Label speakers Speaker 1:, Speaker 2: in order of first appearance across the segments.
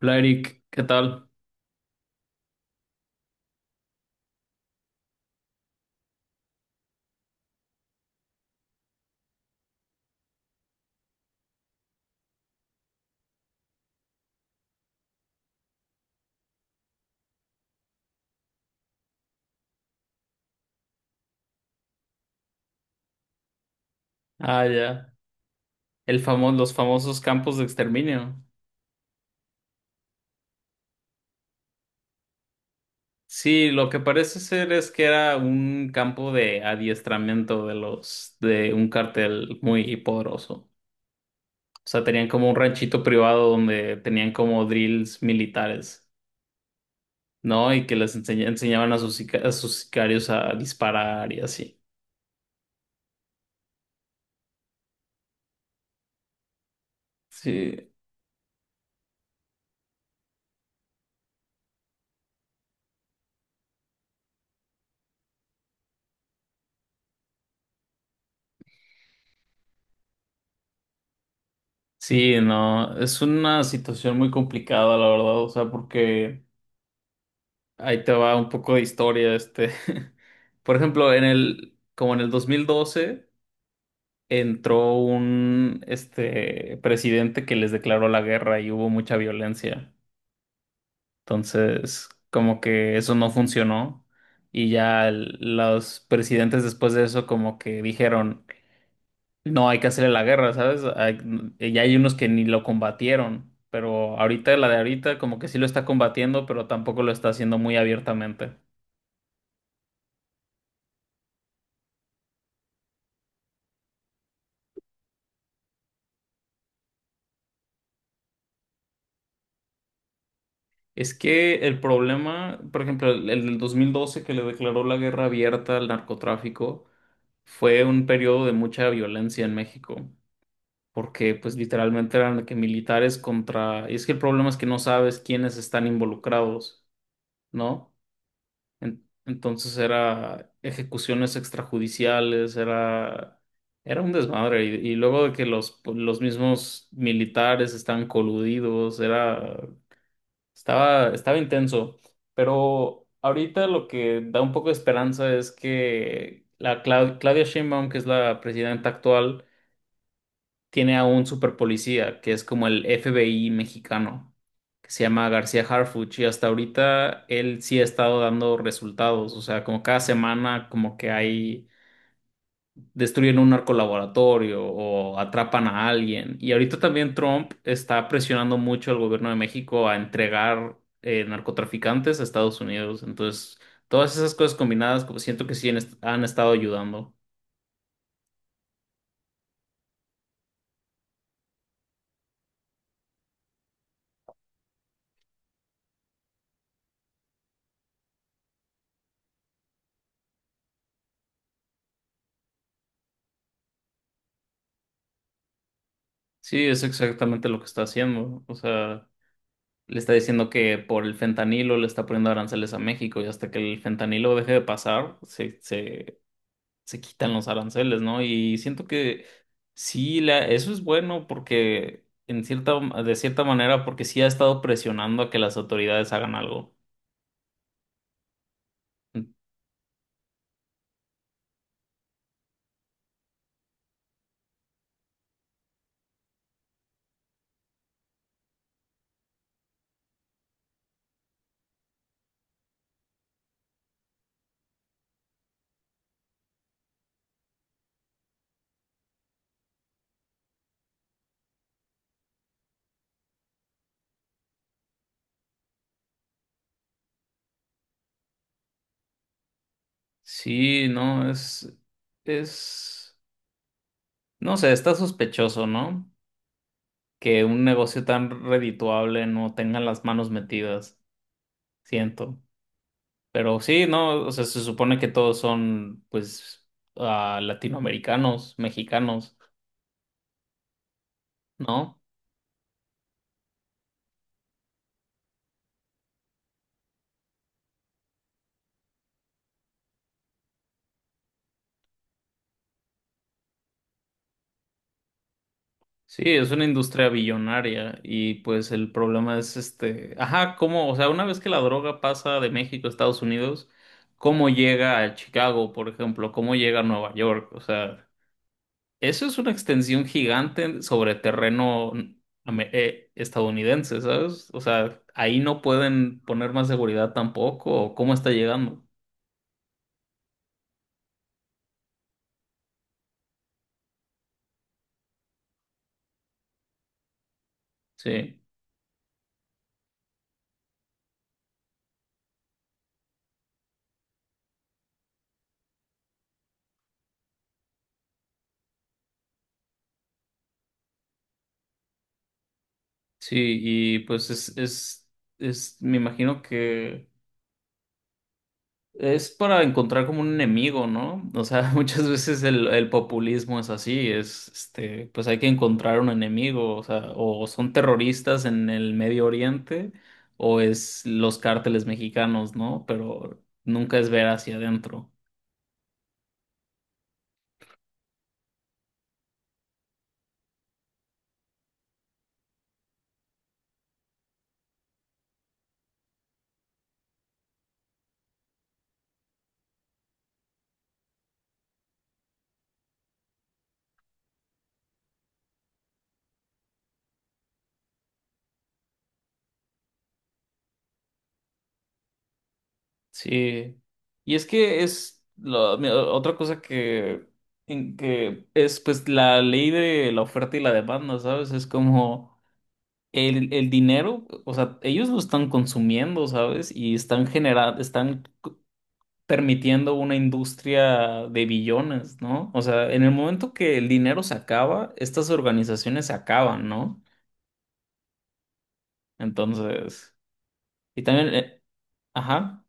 Speaker 1: Hola Eric, ¿qué tal? Ah, ya. Los famosos campos de exterminio. Sí, lo que parece ser es que era un campo de adiestramiento de los de un cartel muy poderoso. O sea, tenían como un ranchito privado donde tenían como drills militares, ¿no? Y que enseñaban a a sus sicarios a disparar y así. Sí, sí, no, es una situación muy complicada, la verdad, o sea, porque ahí te va un poco de historia, este. Por ejemplo, como en el 2012 entró un, este, presidente que les declaró la guerra y hubo mucha violencia. Entonces, como que eso no funcionó y ya los presidentes después de eso como que dijeron, no hay que hacerle la guerra, ¿sabes? Y ya hay unos que ni lo combatieron, pero ahorita la de ahorita como que sí lo está combatiendo, pero tampoco lo está haciendo muy abiertamente. Es que el problema, por ejemplo, el del 2012, que le declaró la guerra abierta al narcotráfico, fue un periodo de mucha violencia en México, porque pues literalmente eran de que militares contra… Y es que el problema es que no sabes quiénes están involucrados, ¿no? Entonces era ejecuciones extrajudiciales, era un desmadre. Y luego de que los mismos militares están coludidos, era… Estaba intenso, pero ahorita lo que da un poco de esperanza es que la Claudia Sheinbaum, que es la presidenta actual, tiene a un superpolicía, que es como el FBI mexicano, que se llama García Harfuch, y hasta ahorita él sí ha estado dando resultados, o sea, como cada semana como que hay destruyen un narcolaboratorio o atrapan a alguien. Y ahorita también Trump está presionando mucho al gobierno de México a entregar narcotraficantes a Estados Unidos. Entonces, todas esas cosas combinadas, como siento que sí han estado ayudando. Sí, es exactamente lo que está haciendo. O sea, le está diciendo que por el fentanilo le está poniendo aranceles a México y hasta que el fentanilo deje de pasar, se se quitan los aranceles, ¿no? Y siento que sí, eso es bueno porque en cierta, de cierta manera, porque sí ha estado presionando a que las autoridades hagan algo. Sí, no, es, no sé, está sospechoso, ¿no? Que un negocio tan redituable no tenga las manos metidas, siento. Pero sí, no, o sea, se supone que todos son, pues, ah, latinoamericanos, mexicanos, ¿no? Sí, es una industria billonaria y pues el problema es este, ajá, cómo, o sea, una vez que la droga pasa de México a Estados Unidos, ¿cómo llega a Chicago, por ejemplo? ¿Cómo llega a Nueva York? O sea, eso es una extensión gigante sobre terreno estadounidense, ¿sabes? O sea, ahí no pueden poner más seguridad tampoco, ¿o cómo está llegando? Sí, sí, y pues me imagino que… Es para encontrar como un enemigo, ¿no? O sea, muchas veces el populismo es así, es, este, pues hay que encontrar un enemigo, o sea, o son terroristas en el Medio Oriente, o es los cárteles mexicanos, ¿no? Pero nunca es ver hacia adentro. Sí. Y es que otra cosa que, en que es pues la ley de la oferta y la demanda, ¿sabes? Es como… El dinero, o sea, ellos lo están consumiendo, ¿sabes? Y están generando, permitiendo una industria de billones, ¿no? O sea, en el momento que el dinero se acaba, estas organizaciones se acaban, ¿no? Entonces, y también, ajá,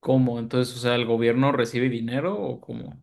Speaker 1: ¿cómo? Entonces, o sea, ¿el gobierno recibe dinero o cómo?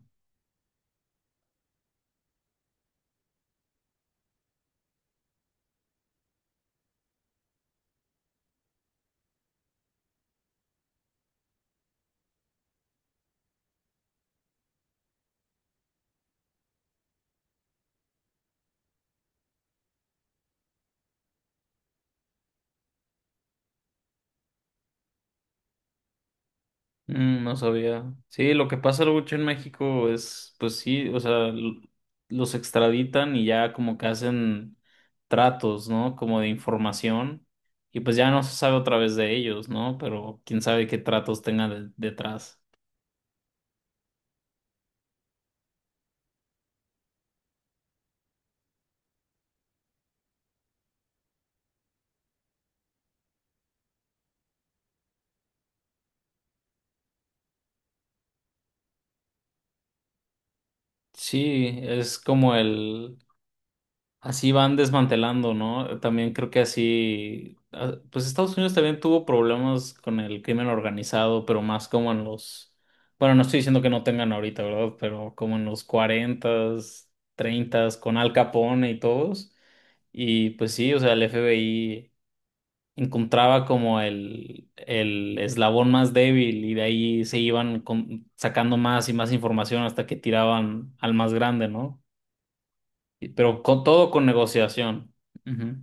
Speaker 1: Mm, no sabía. Sí, lo que pasa mucho en México es, pues sí, o sea, los extraditan y ya como que hacen tratos, ¿no? Como de información, y pues ya no se sabe otra vez de ellos, ¿no? Pero quién sabe qué tratos tengan detrás. Sí, es como el, así van desmantelando, ¿no? También creo que así, ah, pues Estados Unidos también tuvo problemas con el crimen organizado, pero más como en bueno, no estoy diciendo que no tengan ahorita, ¿verdad? Pero como en los cuarentas, treintas, con Al Capone y todos. Y pues sí, o sea, el FBI encontraba como el eslabón más débil y de ahí se iban sacando más y más información hasta que tiraban al más grande, ¿no? Y, pero con todo con negociación. Ujú.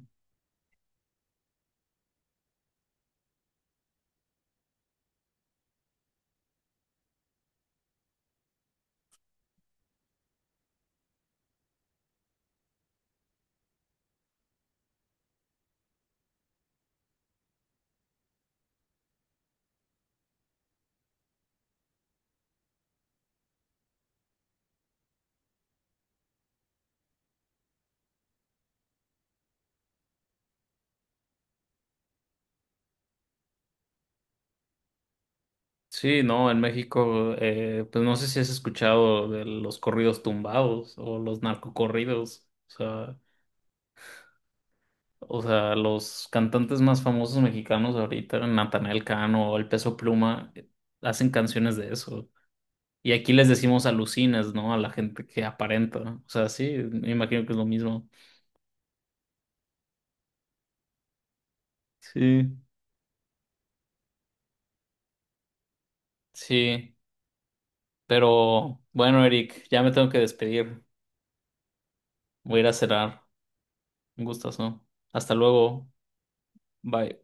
Speaker 1: Sí, no, en México, pues no sé si has escuchado de los corridos tumbados o los narcocorridos. O sea, los cantantes más famosos mexicanos ahorita, Natanael Cano o El Peso Pluma, hacen canciones de eso. Y aquí les decimos alucinas, ¿no? A la gente que aparenta. O sea, sí, me imagino que es lo mismo. Sí. Sí, pero bueno, Eric, ya me tengo que despedir. Voy a ir a cenar. Un gustazo. Hasta luego. Bye.